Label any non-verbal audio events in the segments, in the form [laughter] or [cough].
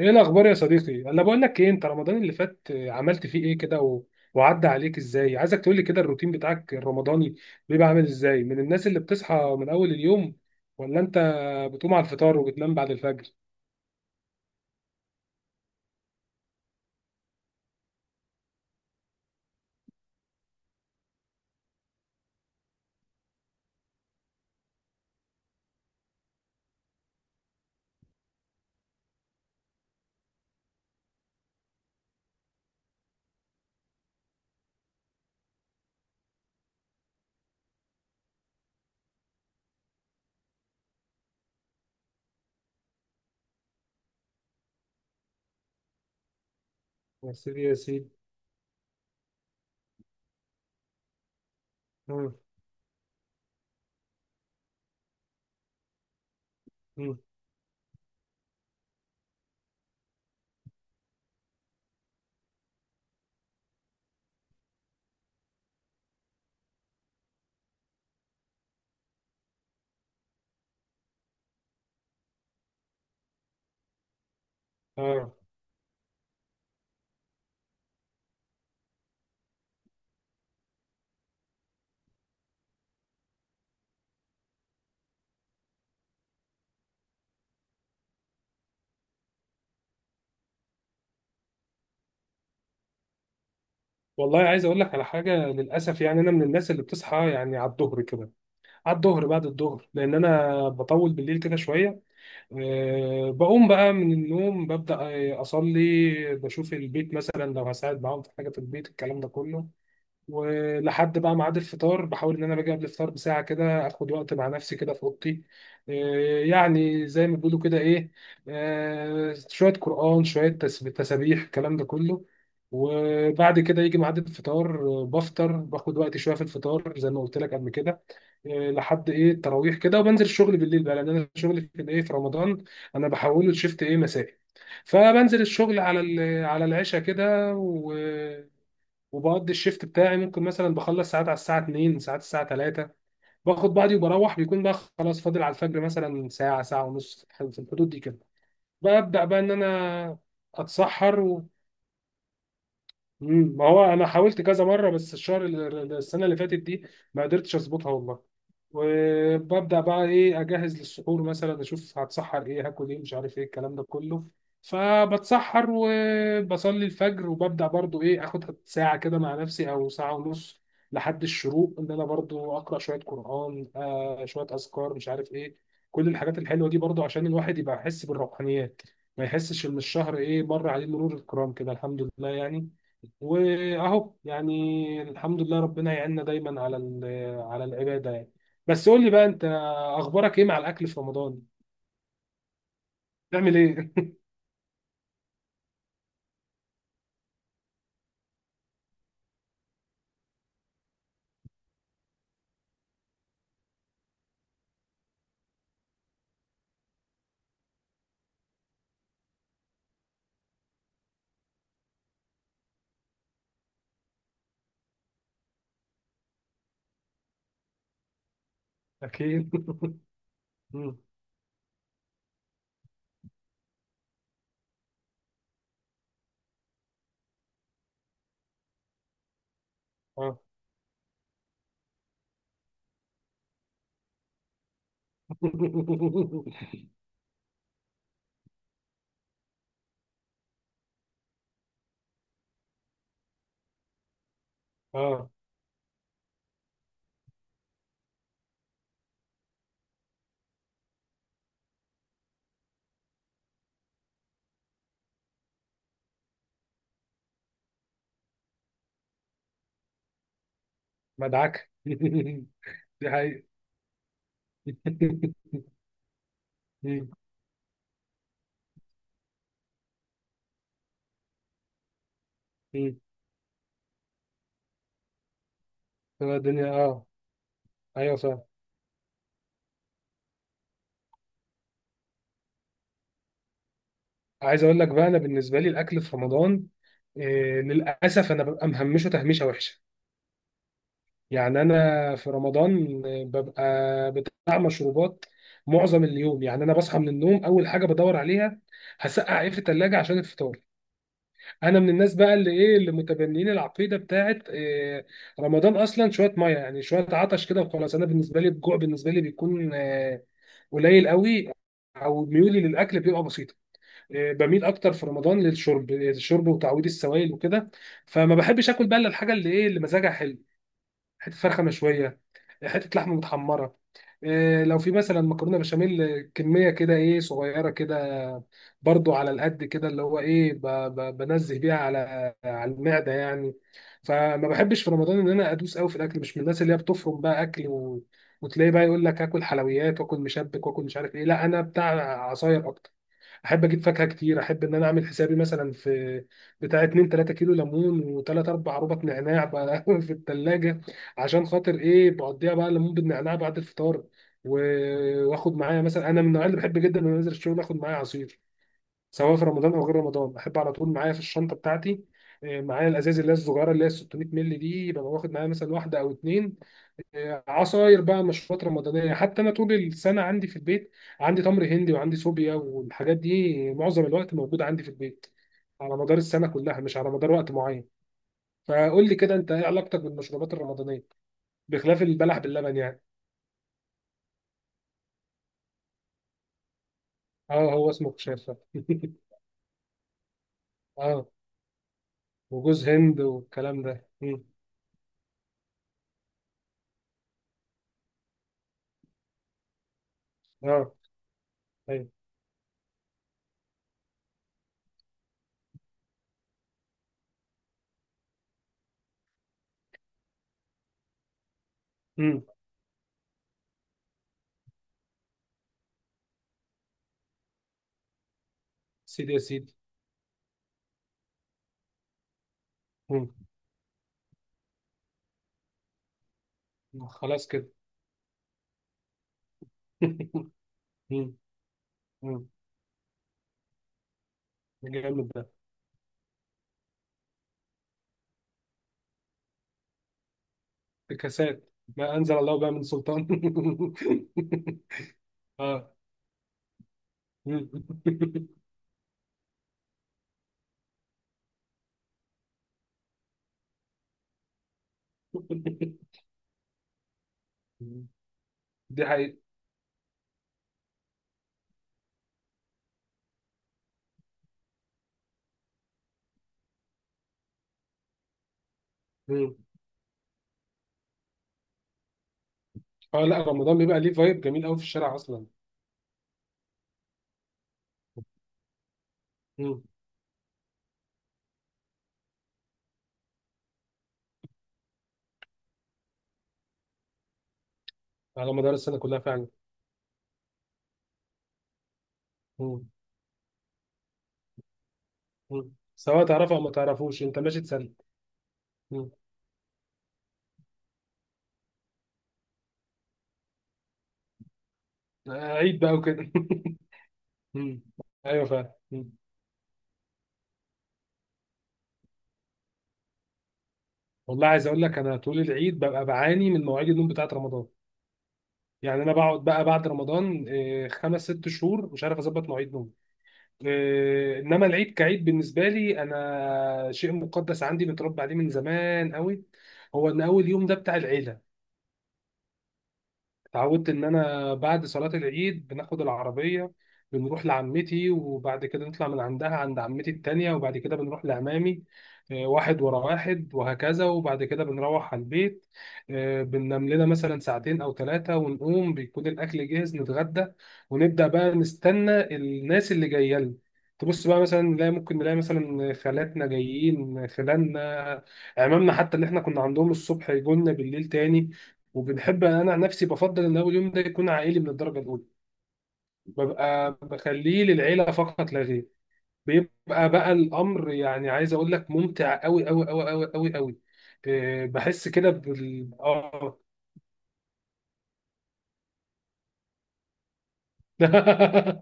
ايه الاخبار يا صديقي؟ انا بقول لك ايه؟ انت رمضان اللي فات عملت فيه ايه كده وعدى عليك ازاي؟ عايزك تقول لي كده الروتين بتاعك الرمضاني بيبقى عامل ازاي؟ من الناس اللي بتصحى من اول اليوم، ولا انت بتقوم على الفطار وبتنام بعد الفجر؟ يا سيدي يا سيدي. مم. مم. اه. والله عايز اقول لك على حاجه، للاسف يعني انا من الناس اللي بتصحى يعني على الظهر كده، على الظهر بعد الظهر، لان انا بطول بالليل كده شويه. بقوم بقى من النوم، ببدأ أصلي، بشوف البيت مثلا لو هساعد معاهم في حاجة في البيت الكلام ده كله. ولحد بقى ميعاد الفطار بحاول ان انا باجي قبل الفطار بساعه كده، اخد وقت مع نفسي كده في اوضتي، إيه، يعني زي ما بيقولوا كده ايه، شويه قران شويه تسابيح الكلام ده كله. وبعد كده يجي ميعاد الفطار، بفطر، باخد وقت شويه في الفطار زي ما قلت لك قبل كده، لحد ايه التراويح كده، وبنزل الشغل بالليل بقى، لان انا شغلي في الايه في رمضان انا بحوله لشيفت ايه مسائي. فبنزل الشغل على العشاء كده، وبقضي الشيفت بتاعي، ممكن مثلا بخلص ساعات على الساعه 2، ساعات الساعه 3، باخد بعضي وبروح. بيكون بقى خلاص فاضل على الفجر مثلا ساعه، ساعه ونص في الحدود دي كده. ببدا بقى ان انا اتسحر. مم. ما هو انا حاولت كذا مره، بس الشهر السنه اللي فاتت دي ما قدرتش اظبطها والله. وببدا بقى ايه اجهز للسحور، مثلا اشوف هتسحر ايه، هاكل ايه، مش عارف ايه الكلام ده كله. فبتسحر وبصلي الفجر، وببدا برضو ايه اخد ساعه كده مع نفسي او ساعه ونص لحد الشروق، ان انا برضو اقرا شويه قران، شويه اذكار مش عارف ايه، كل الحاجات الحلوه دي برضو عشان الواحد يبقى يحس بالروحانيات، ما يحسش ان الشهر ايه مر عليه مرور الكرام كده، الحمد لله يعني. واهو يعني الحمد لله، ربنا يعيننا دايما على العباده يعني. بس قول لي بقى انت، اخبارك ايه مع الاكل في رمضان؟ بتعمل ايه؟ [laughs] اكيد. مم. اه. [laughs] اه مدعكه. [laughs] دي حقيقة. [laughs] مم. مم. تبقى الدنيا اه. ايوه صح. عايز اقول لك بقى، انا بالنسبه لي الاكل في رمضان، إيه، للاسف انا ببقى مهمشه تهميشه وحشه. يعني انا في رمضان ببقى بتاع مشروبات معظم اليوم. يعني انا بصحى من النوم، اول حاجه بدور عليها هسقع ايه في الثلاجه عشان الفطار. انا من الناس بقى اللي ايه، اللي متبنيين العقيده بتاعت إيه، رمضان اصلا شويه ميه يعني، شويه عطش كده وخلاص. انا بالنسبه لي الجوع بالنسبه لي بيكون قليل قوي، او ميولي للاكل بيبقى بسيطه. بميل اكتر في رمضان للشرب، الشرب وتعويض السوائل وكده. فما بحبش اكل بقى الا الحاجه اللي ايه، اللي مزاجها حلو، حته فرخه مشويه، حته لحمه متحمره، إيه لو في مثلا مكرونه بشاميل كميه كده ايه صغيره كده، برضو على القد كده اللي هو ايه، بنزه بيها على المعده يعني. فما بحبش في رمضان ان انا ادوس قوي في الاكل، مش من الناس اللي هي بتفرم بقى اكل وتلاقي بقى يقول لك اكل حلويات واكل مشبك واكل مش عارف ايه، لا انا بتاع عصاير اكتر، احب اجيب فاكهه كتير. احب ان انا اعمل حسابي مثلا في بتاع 2 3 كيلو ليمون و3 4 ربط نعناع بقى [laughs] في الثلاجه، عشان خاطر ايه بقضيها بقى ليمون بالنعناع بعد الفطار. واخد معايا مثلا، انا من النوع اللي بحب جدا ان أنا انزل الشغل اخد معايا عصير، سواء في رمضان او غير رمضان، احب على طول معايا في الشنطه بتاعتي، إيه، معايا الازاز اللي هي الصغيره اللي هي 600 مللي دي، يبقى واخد معايا مثلا واحده او اتنين عصاير بقى، مشروبات رمضانية. حتى أنا طول السنة عندي في البيت، عندي تمر هندي وعندي صوبيا، والحاجات دي معظم الوقت موجودة عندي في البيت، على مدار السنة كلها مش على مدار وقت معين. فقول لي كده أنت، إيه علاقتك بالمشروبات الرمضانية بخلاف البلح باللبن يعني؟ أه هو اسمه كشاف. [laughs] أه، وجوز هند والكلام ده. مم. أه. أيوه. مم. سيدي يا سيدي. مم. خلاص كده. [laughs] مم. مم. جامد ده. افتكاسات. ما انزل الله بها من سلطان. [laughs] اه. مم. [laughs] دي حقيقة. مم. اه، لا رمضان بيبقى ليه فايب جميل قوي في الشارع اصلا. مم. على مدار السنه كلها فعلا. مم. مم. سواء تعرفه او ما تعرفوش، انت ماشي تسلي. مم. عيد بقى وكده. [laughs] مم. ايوه فعلا. مم. والله عايز اقول لك، انا طول العيد ببقى بعاني من مواعيد النوم بتاعت رمضان، يعني انا بقعد بقى بعد رمضان، إيه، خمس ست شهور مش عارف اظبط مواعيد نوم. انما العيد كعيد بالنسبه لي انا شيء مقدس عندي، متربى عليه من زمان قوي، هو ان اول يوم ده بتاع العيله. اتعودت ان انا بعد صلاه العيد بناخد العربيه، بنروح لعمتي، وبعد كده نطلع من عندها عند عمتي التانية، وبعد كده بنروح لعمامي، واحد ورا واحد وهكذا، وبعد كده بنروح على البيت، بننام لنا مثلا ساعتين او ثلاثة، ونقوم بيكون الاكل جاهز نتغدى، ونبدا بقى نستنى الناس اللي جايه لنا. تبص بقى مثلا نلاقي، ممكن نلاقي مثلا خالاتنا جايين، خلاننا، عمامنا، حتى اللي احنا كنا عندهم الصبح يجوا لنا بالليل تاني. وبنحب، انا عن نفسي بفضل ان اول يوم ده يكون عائلي من الدرجه الاولى، ببقى بخليه للعيله فقط لا غير. بيبقى بقى الامر يعني، عايز اقول لك ممتع قوي قوي قوي قوي قوي قوي، إيه، بحس كده بال اه [laughs]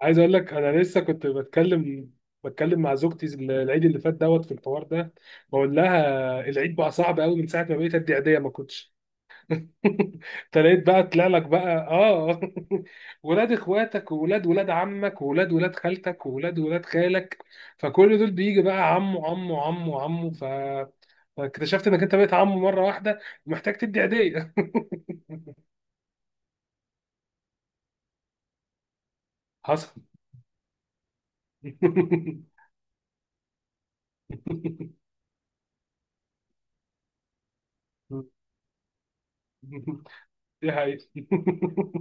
عايز اقول لك انا لسه كنت بتكلم مع زوجتي العيد اللي فات دوت في الحوار ده، بقول لها العيد بقى صعب قوي من ساعه ما بقيت ادي عيديه، ما كنتش تلاقيت بقى طلع لك بقى اه. [laughs] ولاد اخواتك، وولاد ولاد عمك، وولاد ولاد خالتك، وولاد ولاد خالك، فكل دول بيجي بقى عمه عمه عمه عمه، فاكتشفت انك انت بقيت عمه مره واحده محتاج تدي هديه. [laughs] حصل. [laughs] دي حقيقة. [laughs]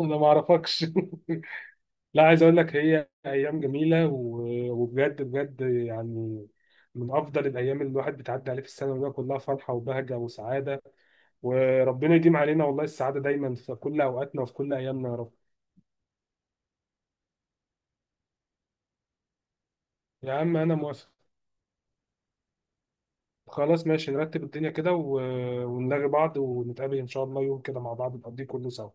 انا ما اعرفكش. [laughs] لا عايز اقول لك هي ايام جميله وبجد بجد يعني، من افضل الايام اللي الواحد بتعدي عليه في السنه، وهي كلها فرحه وبهجه وسعاده، وربنا يديم علينا والله السعاده دايما في كل اوقاتنا وفي كل ايامنا يا رب. يا عم انا موافق. خلاص ماشي، نرتب الدنيا كده ونلاقي بعض ونتقابل ان شاء الله يوم كده مع بعض نقضيه كله سوا.